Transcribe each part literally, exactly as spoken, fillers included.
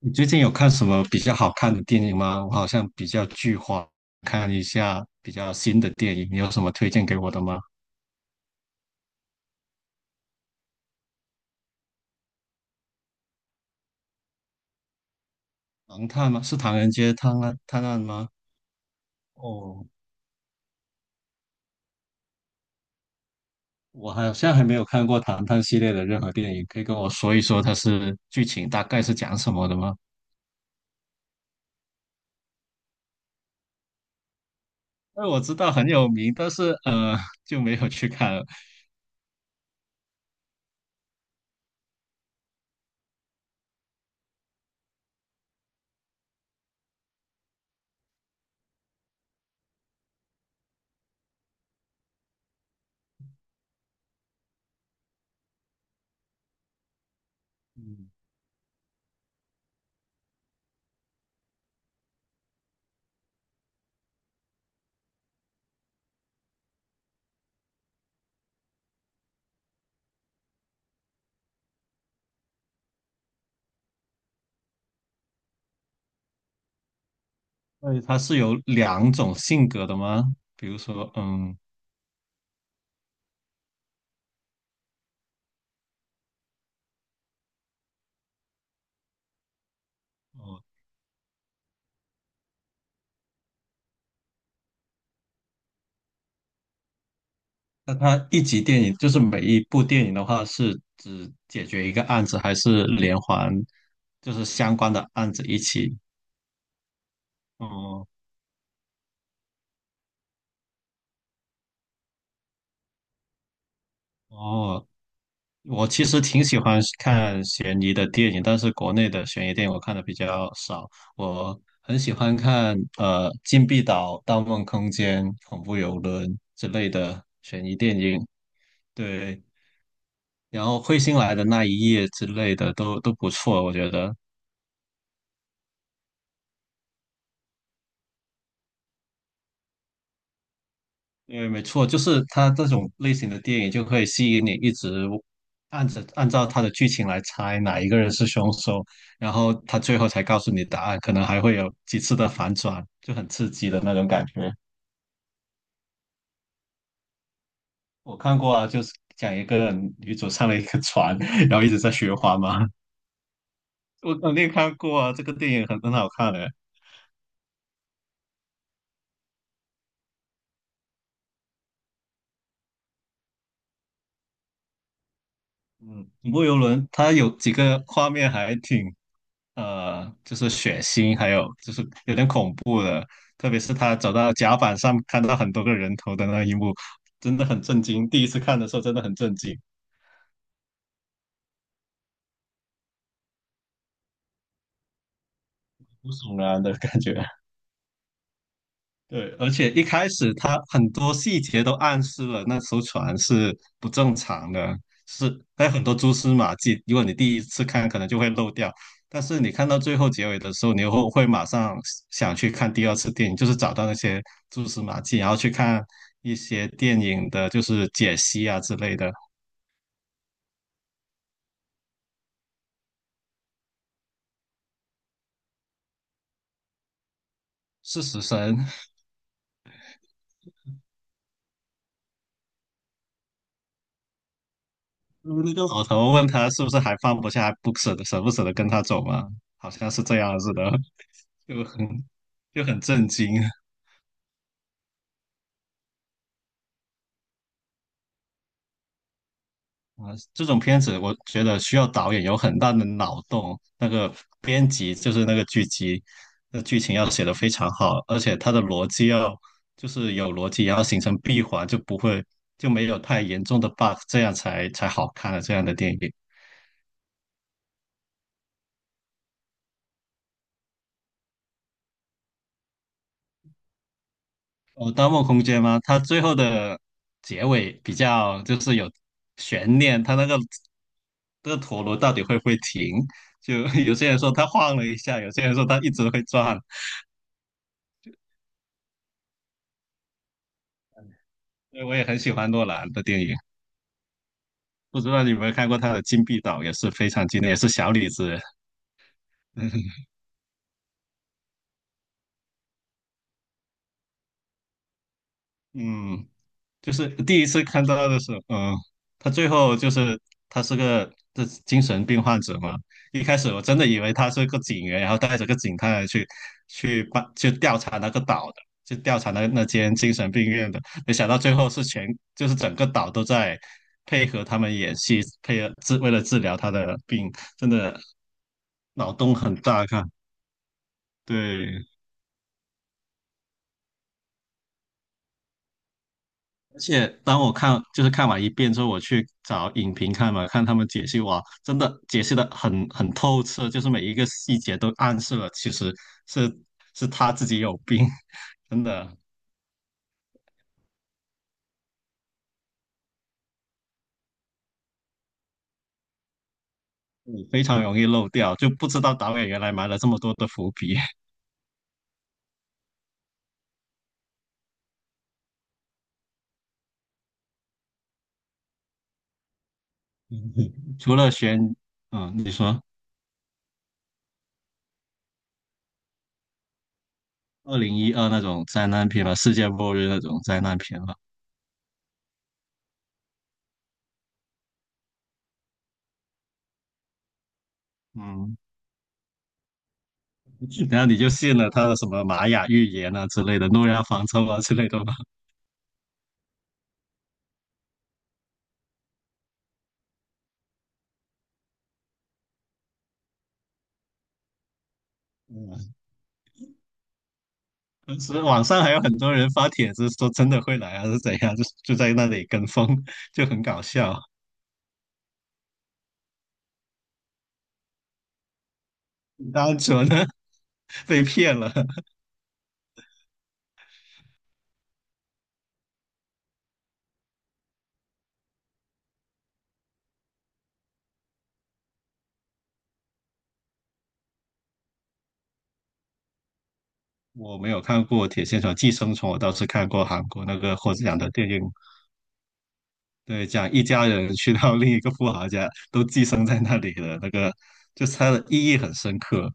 你最近有看什么比较好看的电影吗？我好像比较剧荒，看一下比较新的电影，你有什么推荐给我的吗？唐探吗？是《唐人街探案探案》吗？哦，我好像还没有看过《唐探》系列的任何电影，可以跟我说一说它是剧情大概是讲什么的吗？哎，我知道很有名，但是呃就没有去看了。嗯，那它是有两种性格的吗？比如说，嗯。哦那它一集电影就是每一部电影的话，是只解决一个案子，还是连环，就是相关的案子一起？哦哦，我其实挺喜欢看悬疑的电影，但是国内的悬疑电影我看的比较少。我很喜欢看呃《禁闭岛》《盗梦空间》《恐怖游轮》之类的悬疑电影，对，然后彗星来的那一夜之类的都都不错，我觉得。对，没错，就是它这种类型的电影就可以吸引你一直按着按照它的剧情来猜哪一个人是凶手，然后他最后才告诉你答案，可能还会有几次的反转，就很刺激的那种感觉。我看过啊，就是讲一个女主上了一个船，然后一直在循环嘛。我肯定看过啊，这个电影很很好看的。嗯，恐怖游轮它有几个画面还挺呃，就是血腥，还有就是有点恐怖的，特别是他走到甲板上看到很多个人头的那一幕，真的很震惊。第一次看的时候真的很震惊，毛骨悚然的感觉。对，而且一开始他很多细节都暗示了那艘船是不正常的，是还有很多蛛丝马迹。如果你第一次看，可能就会漏掉，但是你看到最后结尾的时候，你又会会马上想去看第二次电影，就是找到那些蛛丝马迹，然后去看一些电影的，就是解析啊之类的。是死神，那个老头问他是不是还放不下，还不舍得，舍不舍得跟他走吗？好像是这样子的，就很就很震惊。这种片子，我觉得需要导演有很大的脑洞，那个编辑就是那个剧集，那剧情要写得非常好，而且它的逻辑要就是有逻辑，然后形成闭环，就不会就没有太严重的 bug,这样才才好看的这样的电影。哦，《盗梦空间》吗？它最后的结尾比较就是有悬念，它那个这个陀螺到底会不会停？就 有些人说它晃了一下，有些人说它一直会转，对，我也很喜欢诺兰的电影，不知道你有没有看过他的《金币岛》，也是非常经典，也是小李子。嗯，就是第一次看到的时候，嗯，他最后就是他是个这精神病患者嘛。一开始我真的以为他是个警员，然后带着个警探去去办去调查那个岛的，去调查那那间精神病院的。没想到最后是全就是整个岛都在配合他们演戏，配合治为了治疗他的病，真的脑洞很大啊看。对，而且当我看就是看完一遍之后，我去找影评看嘛，看他们解析，哇，真的解析的很很透彻，就是每一个细节都暗示了，其实是是他自己有病，真的，你非常容易漏掉，就不知道导演原来埋了这么多的伏笔。除了悬，嗯，你说二零一二那种灾难片嘛，世界末日那种灾难片嘛，嗯，然后你就信了他的什么玛雅预言啊之类的，诺亚方舟啊之类的吧。嗯嗯所以网上还有很多人发帖子说真的会来啊，是怎样？就就在那里跟风，就很搞笑。单纯呢 被骗了。我没有看过《铁线虫寄生虫》，我倒是看过韩国那个获奖的电影，对，讲一家人去到另一个富豪家，都寄生在那里的那个就是它的意义很深刻，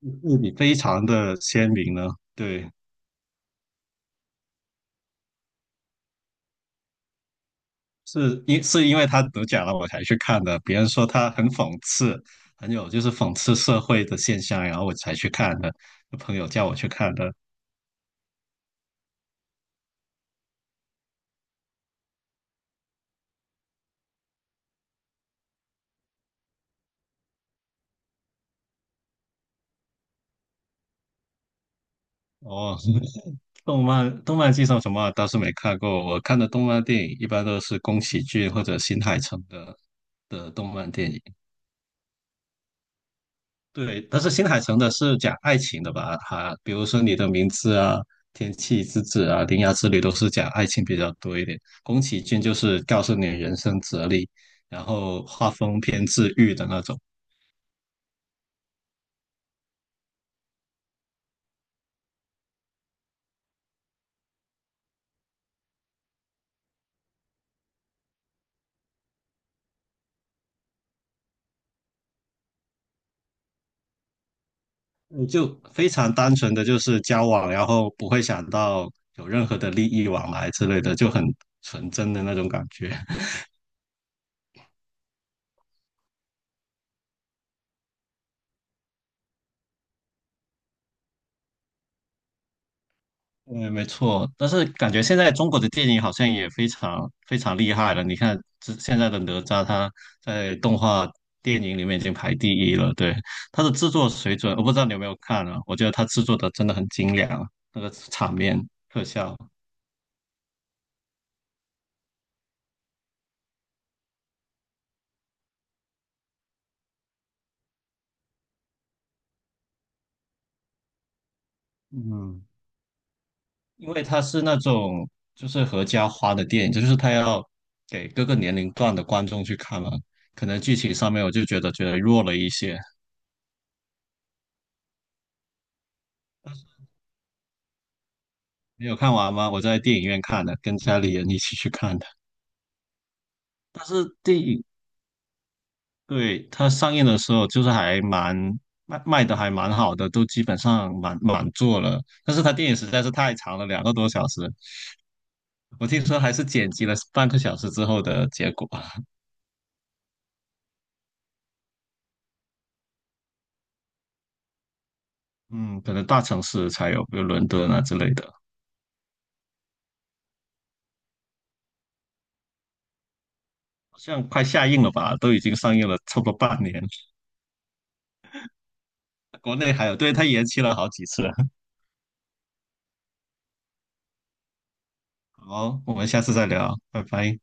对比非常的鲜明呢。对，是因是因为他得奖了我才去看的，别人说他很讽刺，很有就是讽刺社会的现象，然后我才去看的，朋友叫我去看的。哦，动漫动漫剧上什么啊倒是没看过，我看的动漫电影一般都是宫崎骏或者新海诚的的动漫电影。对，但是新海诚的是讲爱情的吧？哈，比如说你的名字啊、天气之子啊、铃芽之旅都是讲爱情比较多一点。宫崎骏就是告诉你人生哲理，然后画风偏治愈的那种，你就非常单纯的就是交往，然后不会想到有任何的利益往来之类的，就很纯真的那种感觉。嗯，没错，但是感觉现在中国的电影好像也非常非常厉害了。你看，这现在的哪吒，他在动画电影里面已经排第一了。对，他的制作水准，我不知道你有没有看啊？我觉得他制作的真的很精良，那个场面特效，嗯，因为它是那种就是合家欢的电影，就是他要给各个年龄段的观众去看嘛。可能剧情上面我就觉得觉得弱了一些。你有看完吗？我在电影院看的，跟家里人一起去看的。但是电影对它上映的时候就是还蛮卖卖的还蛮好的，都基本上满满座了。但是它电影实在是太长了，两个多小时，我听说还是剪辑了半个小时之后的结果。嗯，可能大城市才有，比如伦敦啊之类的。好像快下映了吧，都已经上映了差不多半年，国内还有，对，它延期了好几次。好，我们下次再聊，拜拜。